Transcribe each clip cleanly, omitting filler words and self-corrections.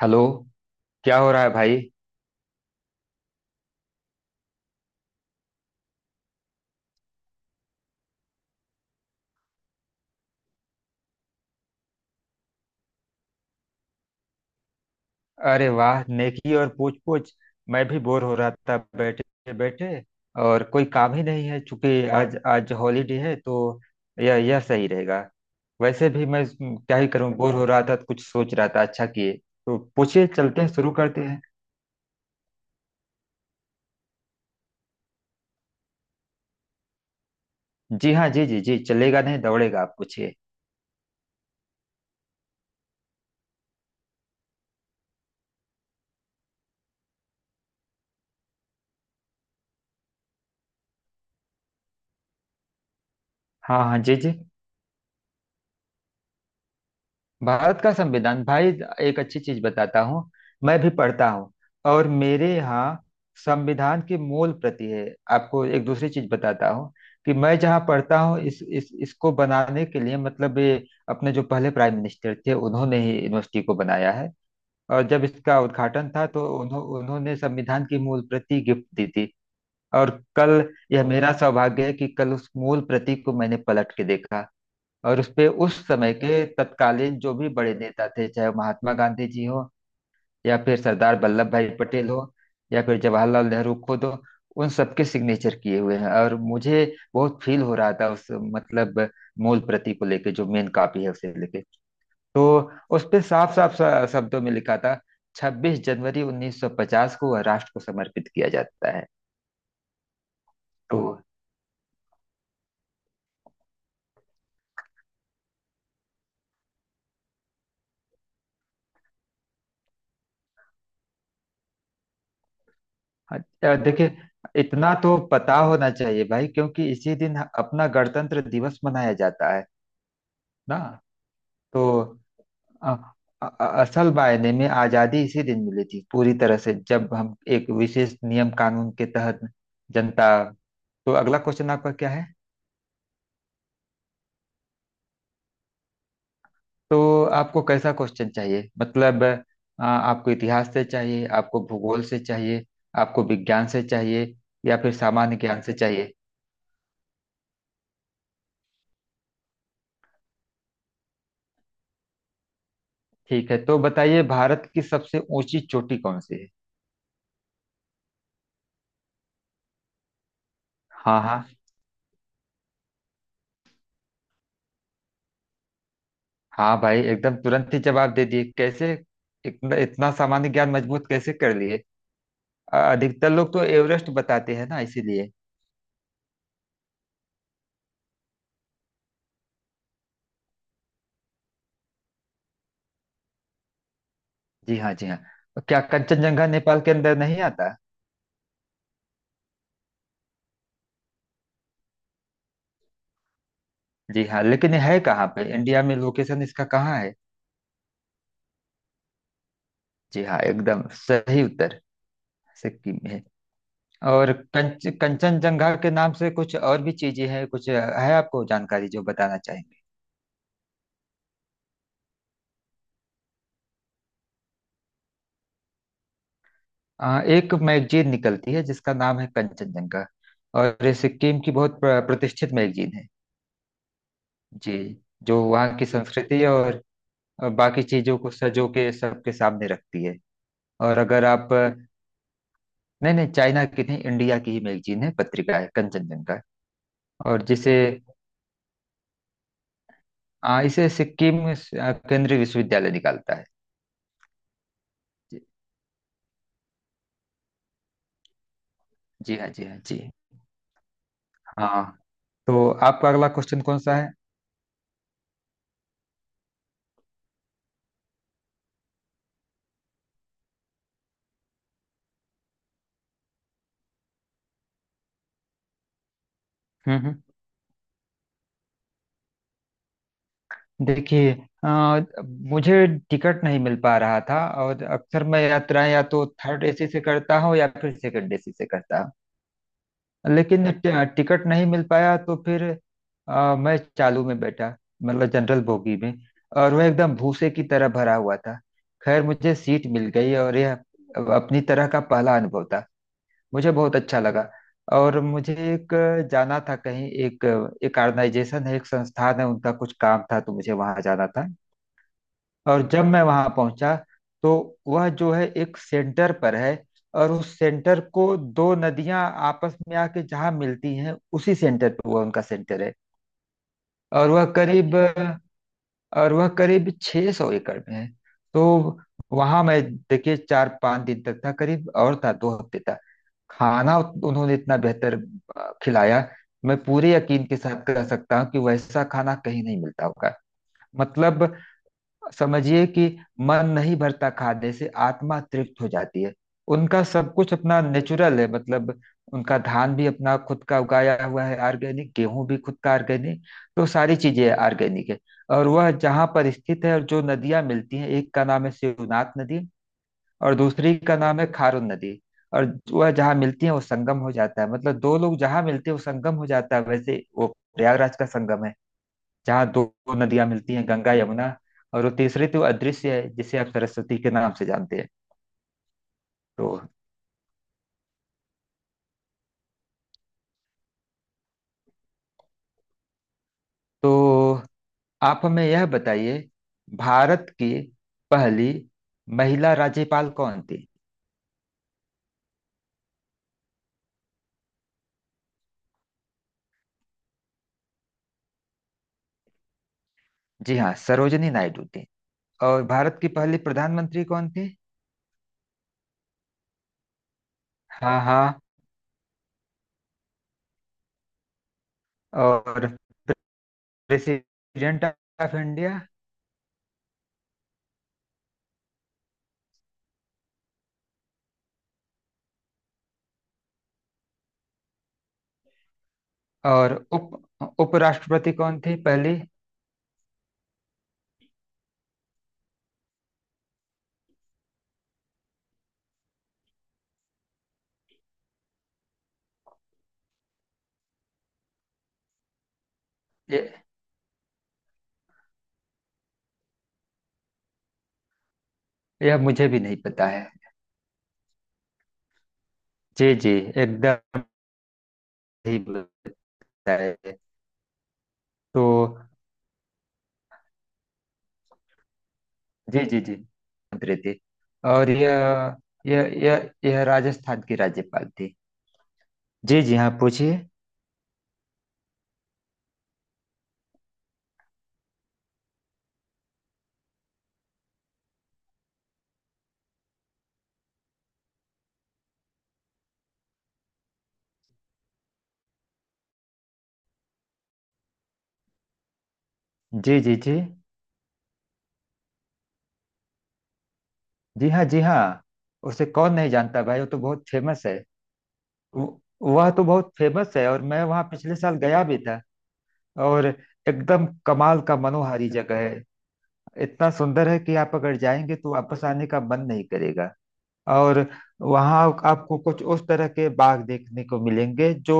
Hello. क्या हो रहा है भाई? अरे वाह, नेकी और पूछ पूछ। मैं भी बोर हो रहा था बैठे बैठे। और कोई काम ही नहीं है, चूंकि आज आज हॉलीडे है। तो यह सही रहेगा। वैसे भी मैं क्या ही करूं, बोर हो रहा था तो कुछ सोच रहा था, अच्छा किए। तो पूछिए, चलते हैं, शुरू करते हैं। जी हाँ, जी जी जी, चलेगा नहीं दौड़ेगा, आप पूछिए। हाँ हाँ, जी जी। भारत का संविधान भाई, एक अच्छी चीज बताता हूँ। मैं भी पढ़ता हूँ और मेरे यहाँ संविधान की मूल प्रति है। आपको एक दूसरी चीज बताता हूँ कि मैं जहाँ पढ़ता हूँ, इस इसको बनाने के लिए, मतलब ये अपने जो पहले प्राइम मिनिस्टर थे उन्होंने ही यूनिवर्सिटी को बनाया है। और जब इसका उद्घाटन था तो उन्होंने संविधान की मूल प्रति गिफ्ट दी थी। और कल, यह मेरा सौभाग्य है कि कल उस मूल प्रति को मैंने पलट के देखा। और उस पे उस समय के तत्कालीन जो भी बड़े नेता थे, चाहे वो महात्मा गांधी जी हो या फिर सरदार वल्लभ भाई पटेल हो या फिर जवाहरलाल नेहरू खुद हो, उन सबके सिग्नेचर किए हुए हैं। और मुझे बहुत फील हो रहा था उस, मतलब मूल प्रति को लेके, जो मेन कॉपी है उसे लेके। तो उस पे साफ साफ शब्दों में लिखा था 26 जनवरी 1950 को वह राष्ट्र को समर्पित किया जाता है। तो अच्छा, देखिए, इतना तो पता होना चाहिए भाई, क्योंकि इसी दिन अपना गणतंत्र दिवस मनाया जाता है ना। तो अ, असल मायने में आजादी इसी दिन मिली थी, पूरी तरह से, जब हम एक विशेष नियम कानून के तहत जनता। तो अगला क्वेश्चन आपका क्या है? तो आपको कैसा क्वेश्चन चाहिए, मतलब आपको इतिहास से चाहिए, आपको भूगोल से चाहिए, आपको विज्ञान से चाहिए, या फिर सामान्य ज्ञान से चाहिए? ठीक है, तो बताइए, भारत की सबसे ऊंची चोटी कौन सी है? हाँ हाँ, हाँ भाई, एकदम तुरंत ही जवाब दे दिए कैसे? इतना इतना सामान्य ज्ञान मजबूत कैसे कर लिए? अधिकतर लोग तो एवरेस्ट बताते हैं ना, इसीलिए। जी हाँ, जी हाँ। तो क्या कंचनजंगा नेपाल के अंदर नहीं आता? जी हाँ, लेकिन ये है कहाँ पे? इंडिया में लोकेशन इसका कहाँ है? जी हाँ, एकदम सही उत्तर। सिक्किम में है। और कंचनजंगा के नाम से कुछ और भी चीजें हैं, कुछ है आपको जानकारी जो बताना चाहें? एक मैगजीन निकलती है जिसका नाम है कंचनजंगा, और ये सिक्किम की बहुत प्रतिष्ठित मैगजीन है। जी, जो वहाँ की संस्कृति और बाकी चीजों को सजो के सबके सामने रखती है। और अगर आप, नहीं नहीं, चाइना की नहीं, इंडिया की ही मैगजीन है, पत्रिका है, कंचनजंगा। और जिसे, इसे सिक्किम केंद्रीय विश्वविद्यालय निकालता है। जी, जी हाँ, जी हाँ, जी हाँ। तो आपका अगला क्वेश्चन कौन सा है? हम्म हम्म देखिए, अ, मुझे टिकट नहीं मिल पा रहा था, और अक्सर मैं यात्राएं या तो थर्ड एसी से करता हूँ या फिर सेकंड एसी से करता हूँ। लेकिन टिकट नहीं मिल पाया, तो फिर मैं चालू में बैठा, मतलब जनरल बोगी में। और वह एकदम भूसे की तरह भरा हुआ था। खैर, मुझे सीट मिल गई और यह अब अपनी तरह का पहला अनुभव था, मुझे बहुत अच्छा लगा। और मुझे एक, जाना था कहीं, एक एक ऑर्गेनाइजेशन है, एक संस्थान है, उनका कुछ काम था, तो मुझे वहां जाना था। और जब मैं वहां पहुंचा तो वह जो है एक सेंटर पर है, और उस सेंटर को दो नदियां आपस में आके जहां मिलती हैं उसी सेंटर पर वह उनका सेंटर है। और वह करीब और वह करीब 600 एकड़ में है। तो वहां मैं देखिए चार पांच दिन तक था करीब, और था दो हफ्ते तक। खाना उन्होंने इतना बेहतर खिलाया, मैं पूरे यकीन के साथ कह सकता हूँ कि वैसा खाना कहीं नहीं मिलता होगा। मतलब समझिए कि मन नहीं भरता, खाने से आत्मा तृप्त हो जाती है। उनका सब कुछ अपना नेचुरल है, मतलब उनका धान भी अपना खुद का उगाया हुआ है, ऑर्गेनिक, गेहूं भी खुद का ऑर्गेनिक, तो सारी चीजें ऑर्गेनिक है। और वह जहाँ पर स्थित है, और जो नदियां मिलती हैं, एक का नाम है शिवनाथ नदी और दूसरी का नाम है खारुन नदी। और वह जहाँ मिलती है वो संगम हो जाता है, मतलब दो लोग जहाँ मिलते हैं वो संगम हो जाता है। वैसे वो प्रयागराज का संगम है जहाँ दो दो नदियां मिलती हैं, गंगा यमुना, और वो तीसरी तो अदृश्य है जिसे आप सरस्वती के नाम से जानते हैं। तो तो आप हमें यह बताइए, भारत की पहली महिला राज्यपाल कौन थी? जी हाँ, सरोजनी नायडू थी। और भारत की पहली प्रधानमंत्री कौन थी? हाँ हाँ। और प्रेसिडेंट ऑफ इंडिया? और उप, उपराष्ट्रपति कौन थी पहली? ये, यह मुझे भी नहीं पता है। जी जी, एकदम सही बताया। तो जी जी जी, प्रीति। और यह, यह यह राजस्थान की राज्यपाल थी। जी जी हाँ, पूछिए। जी जी जी। जी हाँ, जी हाँ, उसे कौन नहीं जानता भाई, वो तो बहुत फेमस है। वो- वह तो बहुत फेमस है और मैं वहाँ पिछले साल गया भी था। और एकदम कमाल का मनोहारी जगह है, इतना सुंदर है कि आप अगर जाएंगे तो वापस आने का मन नहीं करेगा। और वहाँ आपको कुछ उस तरह के बाग देखने को मिलेंगे जो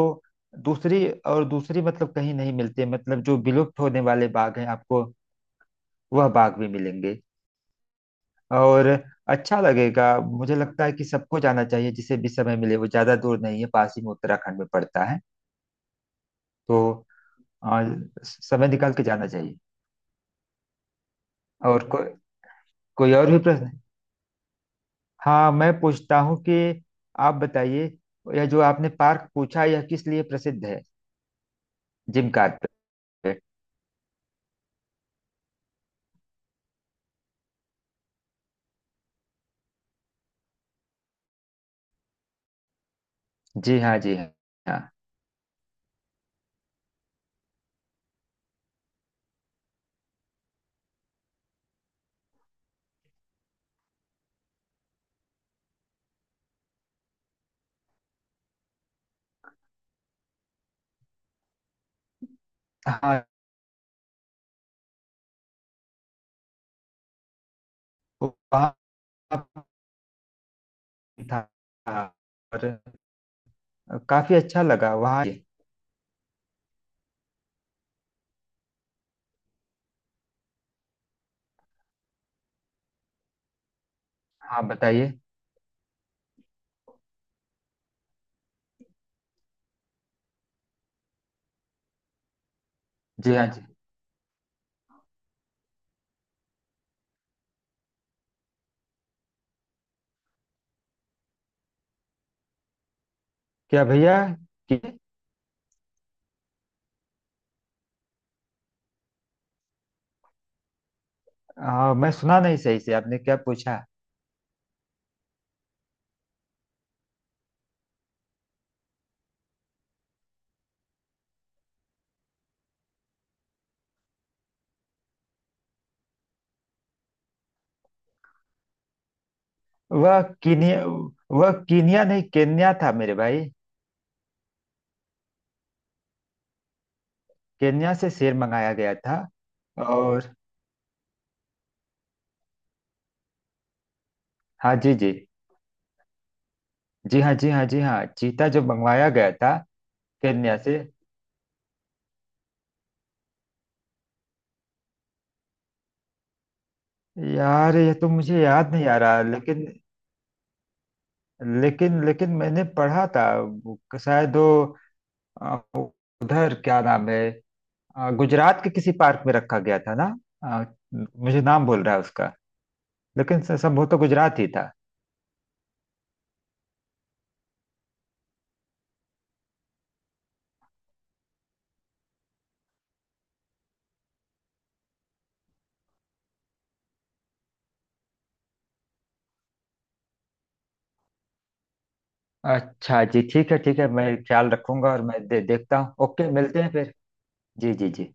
दूसरी मतलब कहीं नहीं मिलते, मतलब जो विलुप्त होने वाले बाग हैं आपको वह बाग भी मिलेंगे। और अच्छा लगेगा, मुझे लगता है कि सबको जाना चाहिए जिसे भी समय मिले, वो ज्यादा दूर नहीं है, पास ही में उत्तराखंड में पड़ता है। तो आ, समय निकाल के जाना चाहिए। और कोई और भी प्रश्न, हाँ मैं पूछता हूँ कि आप बताइए, यह जो आपने पार्क पूछा यह किस लिए प्रसिद्ध है, जिम कार्पेट? जी हाँ, जी हाँ। हाँ, वहाँ था और काफ़ी अच्छा लगा वहाँ। हाँ, बताइए। जी हाँ, जी। क्या भैया कि, हाँ, मैं सुना नहीं सही से, आपने क्या पूछा? वह कीनिया वह कीनिया नहीं, केन्या था मेरे भाई। केन्या से शेर मंगाया गया था। और हाँ जी, जी। जी हाँ, जी हाँ, जी हाँ। चीता जो मंगवाया गया था केन्या से, यार ये तो मुझे याद नहीं आ रहा, लेकिन लेकिन लेकिन मैंने पढ़ा था, वो शायद वो अ, उधर क्या नाम है, गुजरात के किसी पार्क में रखा गया था ना। अ, मुझे नाम भूल रहा है उसका, लेकिन संभव तो गुजरात ही था। अच्छा जी, ठीक है ठीक है, मैं ख्याल रखूंगा और मैं देखता हूँ। ओके, मिलते हैं फिर। जी जी जी।